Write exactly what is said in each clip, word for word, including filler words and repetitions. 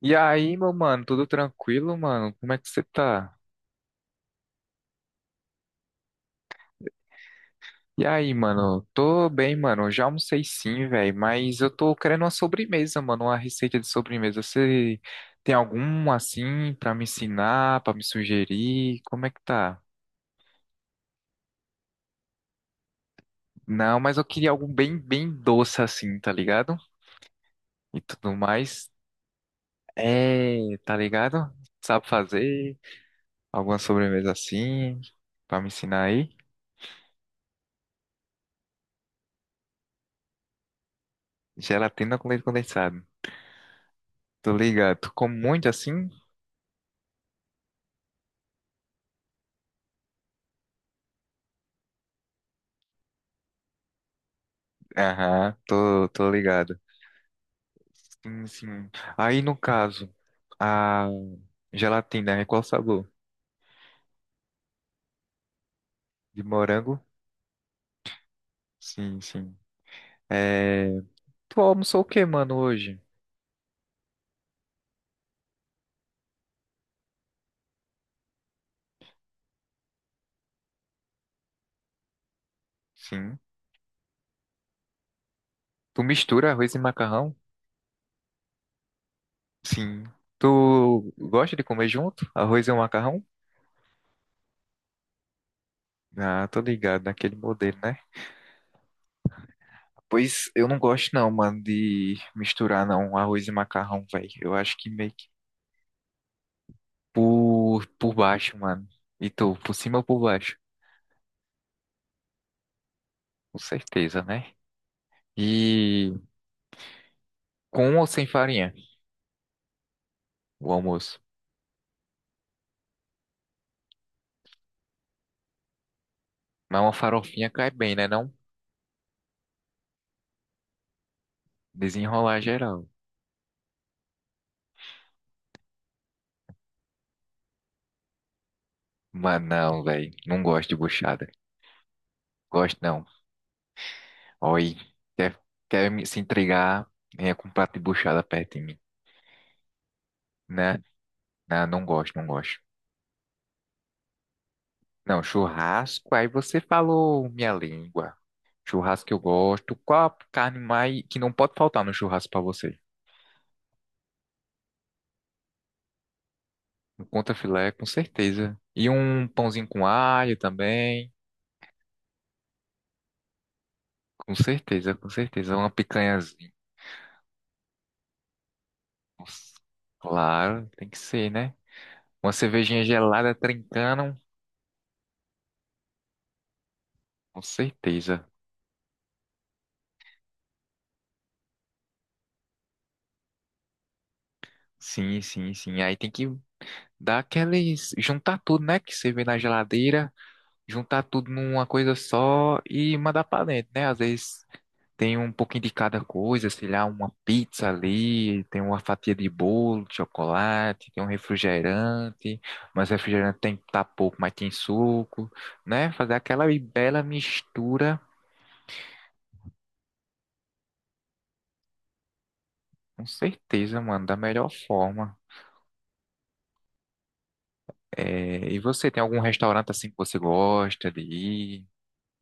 E aí, meu mano, tudo tranquilo, mano? Como é que você tá? E aí, mano? Tô bem, mano. Já almocei sim, velho, mas eu tô querendo uma sobremesa, mano, uma receita de sobremesa. Você tem algum assim pra me ensinar, pra me sugerir? Como é que tá? Não, mas eu queria algo bem, bem doce assim, tá ligado? E tudo mais. É, tá ligado? Sabe fazer alguma sobremesa assim pra me ensinar aí? Gelatina com leite condensado. Tô ligado. Tu come muito assim? Aham, tô, tô ligado. Sim, sim. Aí no caso, a gelatina é qual sabor? De morango? Sim, sim. É... Tu almoçou o que, mano, hoje? Sim. Tu mistura arroz e macarrão? Sim. Tu gosta de comer junto? Arroz e um macarrão? Ah, tô ligado, naquele modelo, né? Pois eu não gosto não, mano, de misturar não arroz e macarrão, velho. Eu acho que meio que por, por baixo, mano. E tu, por cima ou por baixo? Com certeza, né? E com ou sem farinha, o almoço? Mas uma farofinha cai bem, né? Não desenrolar geral. Mas não, velho. Não gosto de buchada. Gosto não. Oi. Quer, quer me- se entregar? Venha com um prato de buchada perto de mim. Né? Não, não gosto, não gosto. Não, churrasco, aí você falou minha língua. Churrasco que eu gosto. Qual a carne mais que não pode faltar no churrasco pra você? Um contra filé, com certeza. E um pãozinho com alho também. Com certeza, com certeza. Uma picanhazinha. Nossa, claro, tem que ser, né? Uma cervejinha gelada trincando, com certeza. Sim, sim, sim. Aí tem que dar aqueles. Juntar tudo, né? Que você vê na geladeira, juntar tudo numa coisa só e mandar pra dentro, né? Às vezes. Tem um pouquinho de cada coisa, sei lá, uma pizza ali, tem uma fatia de bolo, de chocolate, tem um refrigerante, mas refrigerante tem tá pouco, mas tem suco, né? Fazer aquela bela mistura, com certeza, mano, da melhor forma. É, e você tem algum restaurante assim que você gosta de ir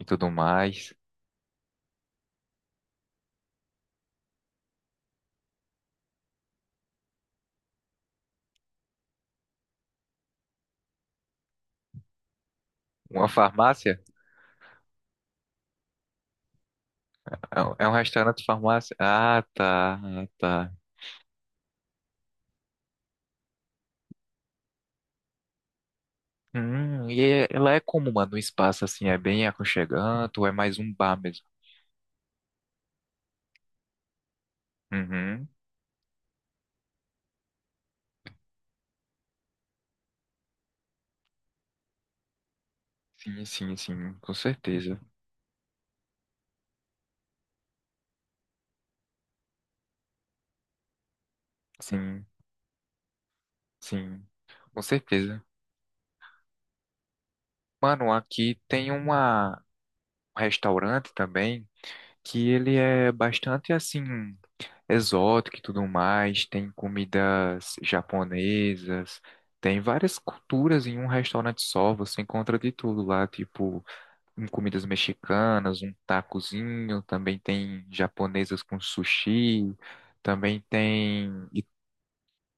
e tudo mais? Uma farmácia? É um é um restaurante farmácia? Ah, tá, ah, tá. Hum, e é- ela é como, mano, um espaço assim, é bem aconchegante, ou é mais um bar mesmo? Uhum. Sim, sim, sim, com certeza. Sim, sim, com certeza. Mano, aqui tem uma, um restaurante também que ele é bastante assim exótico e tudo mais, tem comidas japonesas, tem várias culturas em um restaurante só, você encontra de tudo lá, tipo um comidas mexicanas, um tacozinho, também tem japonesas com sushi, também tem, e-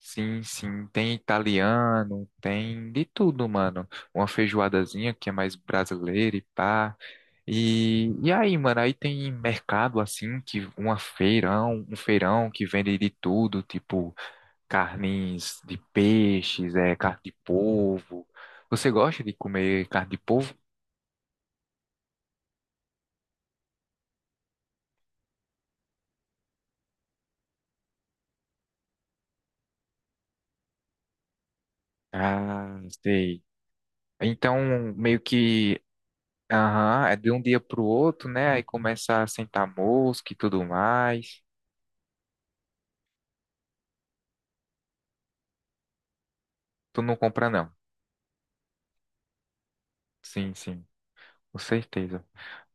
sim, sim, tem italiano, tem de tudo, mano. Uma feijoadazinha que é mais brasileira e pá. E, e aí, mano, aí tem mercado assim, que uma feirão, um feirão que vende de tudo, tipo carnes de peixes, é, carne de polvo. Você gosta de comer carne de polvo? Ah, sei. Então, meio que, aham, é de um dia pro outro, né? Aí começa a sentar mosca e tudo mais. Tu não compra, não. Sim, sim, com certeza.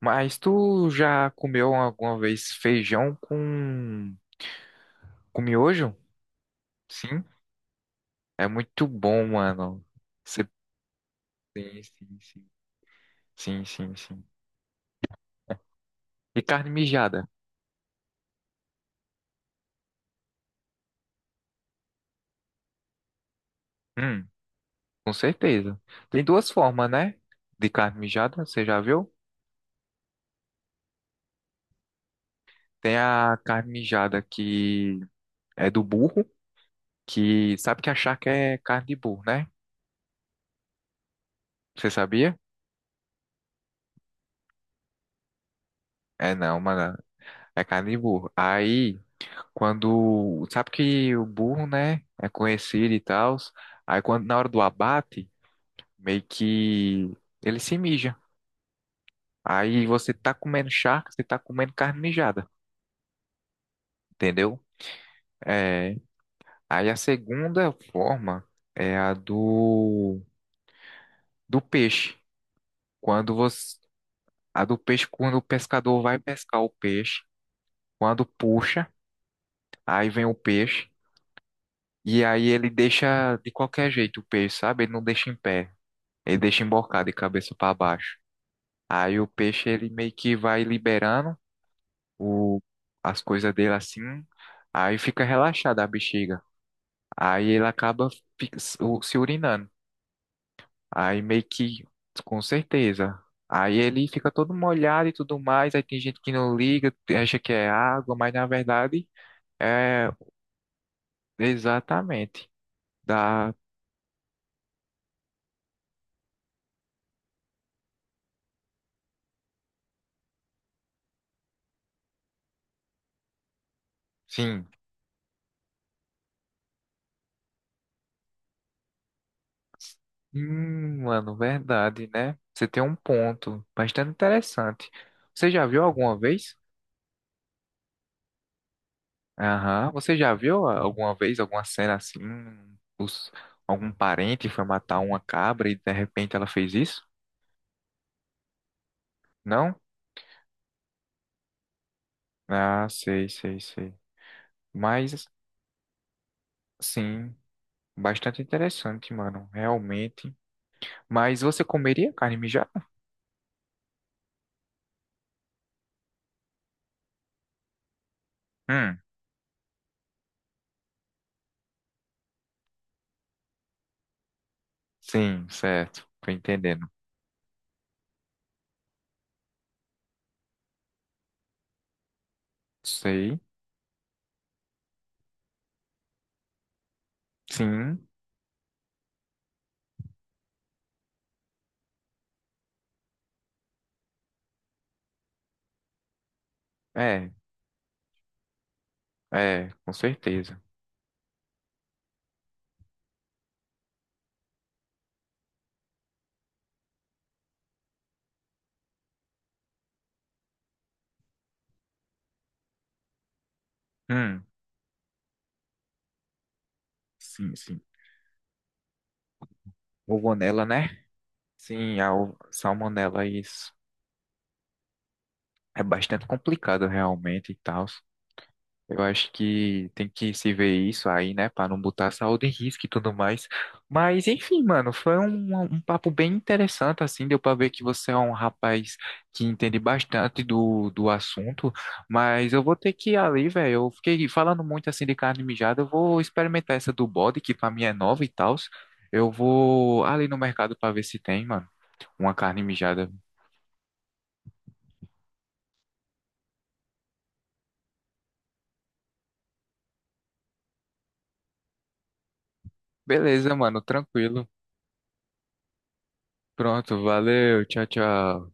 Mas tu já comeu alguma vez feijão com, com miojo? Sim, é muito bom, mano. Você... Sim, sim, sim. Sim, sim, sim. E carne mijada? Hum, com certeza. Tem duas formas, né? De carne mijada, você já viu? Tem a carne mijada que é do burro. Que sabe que a charca é carne de burro, né? Você sabia? É não, mano, é carne de burro. Aí, quando sabe que o burro, né, é conhecido e tal, aí quando na hora do abate, meio que ele se mija. Aí você tá comendo charque, você tá comendo carne mijada, entendeu? É, aí a segunda forma é a do do peixe. Quando você a do peixe quando o pescador vai pescar o peixe, quando puxa, aí vem o peixe. E aí ele deixa de qualquer jeito o peixe, sabe? Ele não deixa em pé. Ele deixa embocado de cabeça para baixo. Aí o peixe ele meio que vai liberando o, as coisas dele assim. Aí fica relaxada a bexiga. Aí ele acaba fi- se o- se urinando. Aí meio que, com certeza. Aí ele fica todo molhado e tudo mais. Aí tem gente que não liga, acha que é água, mas na verdade é exatamente. Dá, sim. Hum, mano, verdade, né? Você tem um ponto bastante interessante. Você já viu alguma vez? Aham. Você já viu a- alguma vez alguma cena assim? Os, algum parente foi matar uma cabra e de repente ela fez isso? Não? Ah, sei, sei, sei. Mas, sim, bastante interessante, mano, realmente. Mas você comeria carne mijada? Hum, sim, certo. Tô entendendo. Sei. Sim. É, é, com certeza. Hum, sim, sim. Rogonela, né? Sim, a o- salmonela, isso. É bastante complicado realmente e tal. Eu acho que tem que se ver isso aí, né, para não botar a saúde em risco e tudo mais. Mas enfim, mano, foi um, um papo bem interessante, assim, deu para ver que você é um rapaz que entende bastante do, do assunto. Mas eu vou ter que ir ali, velho. Eu fiquei falando muito assim de carne mijada, eu vou experimentar essa do bode, que para mim é nova e tal. Eu vou ali no mercado para ver se tem, mano, uma carne mijada. Beleza, mano, tranquilo. Pronto, valeu, tchau, tchau.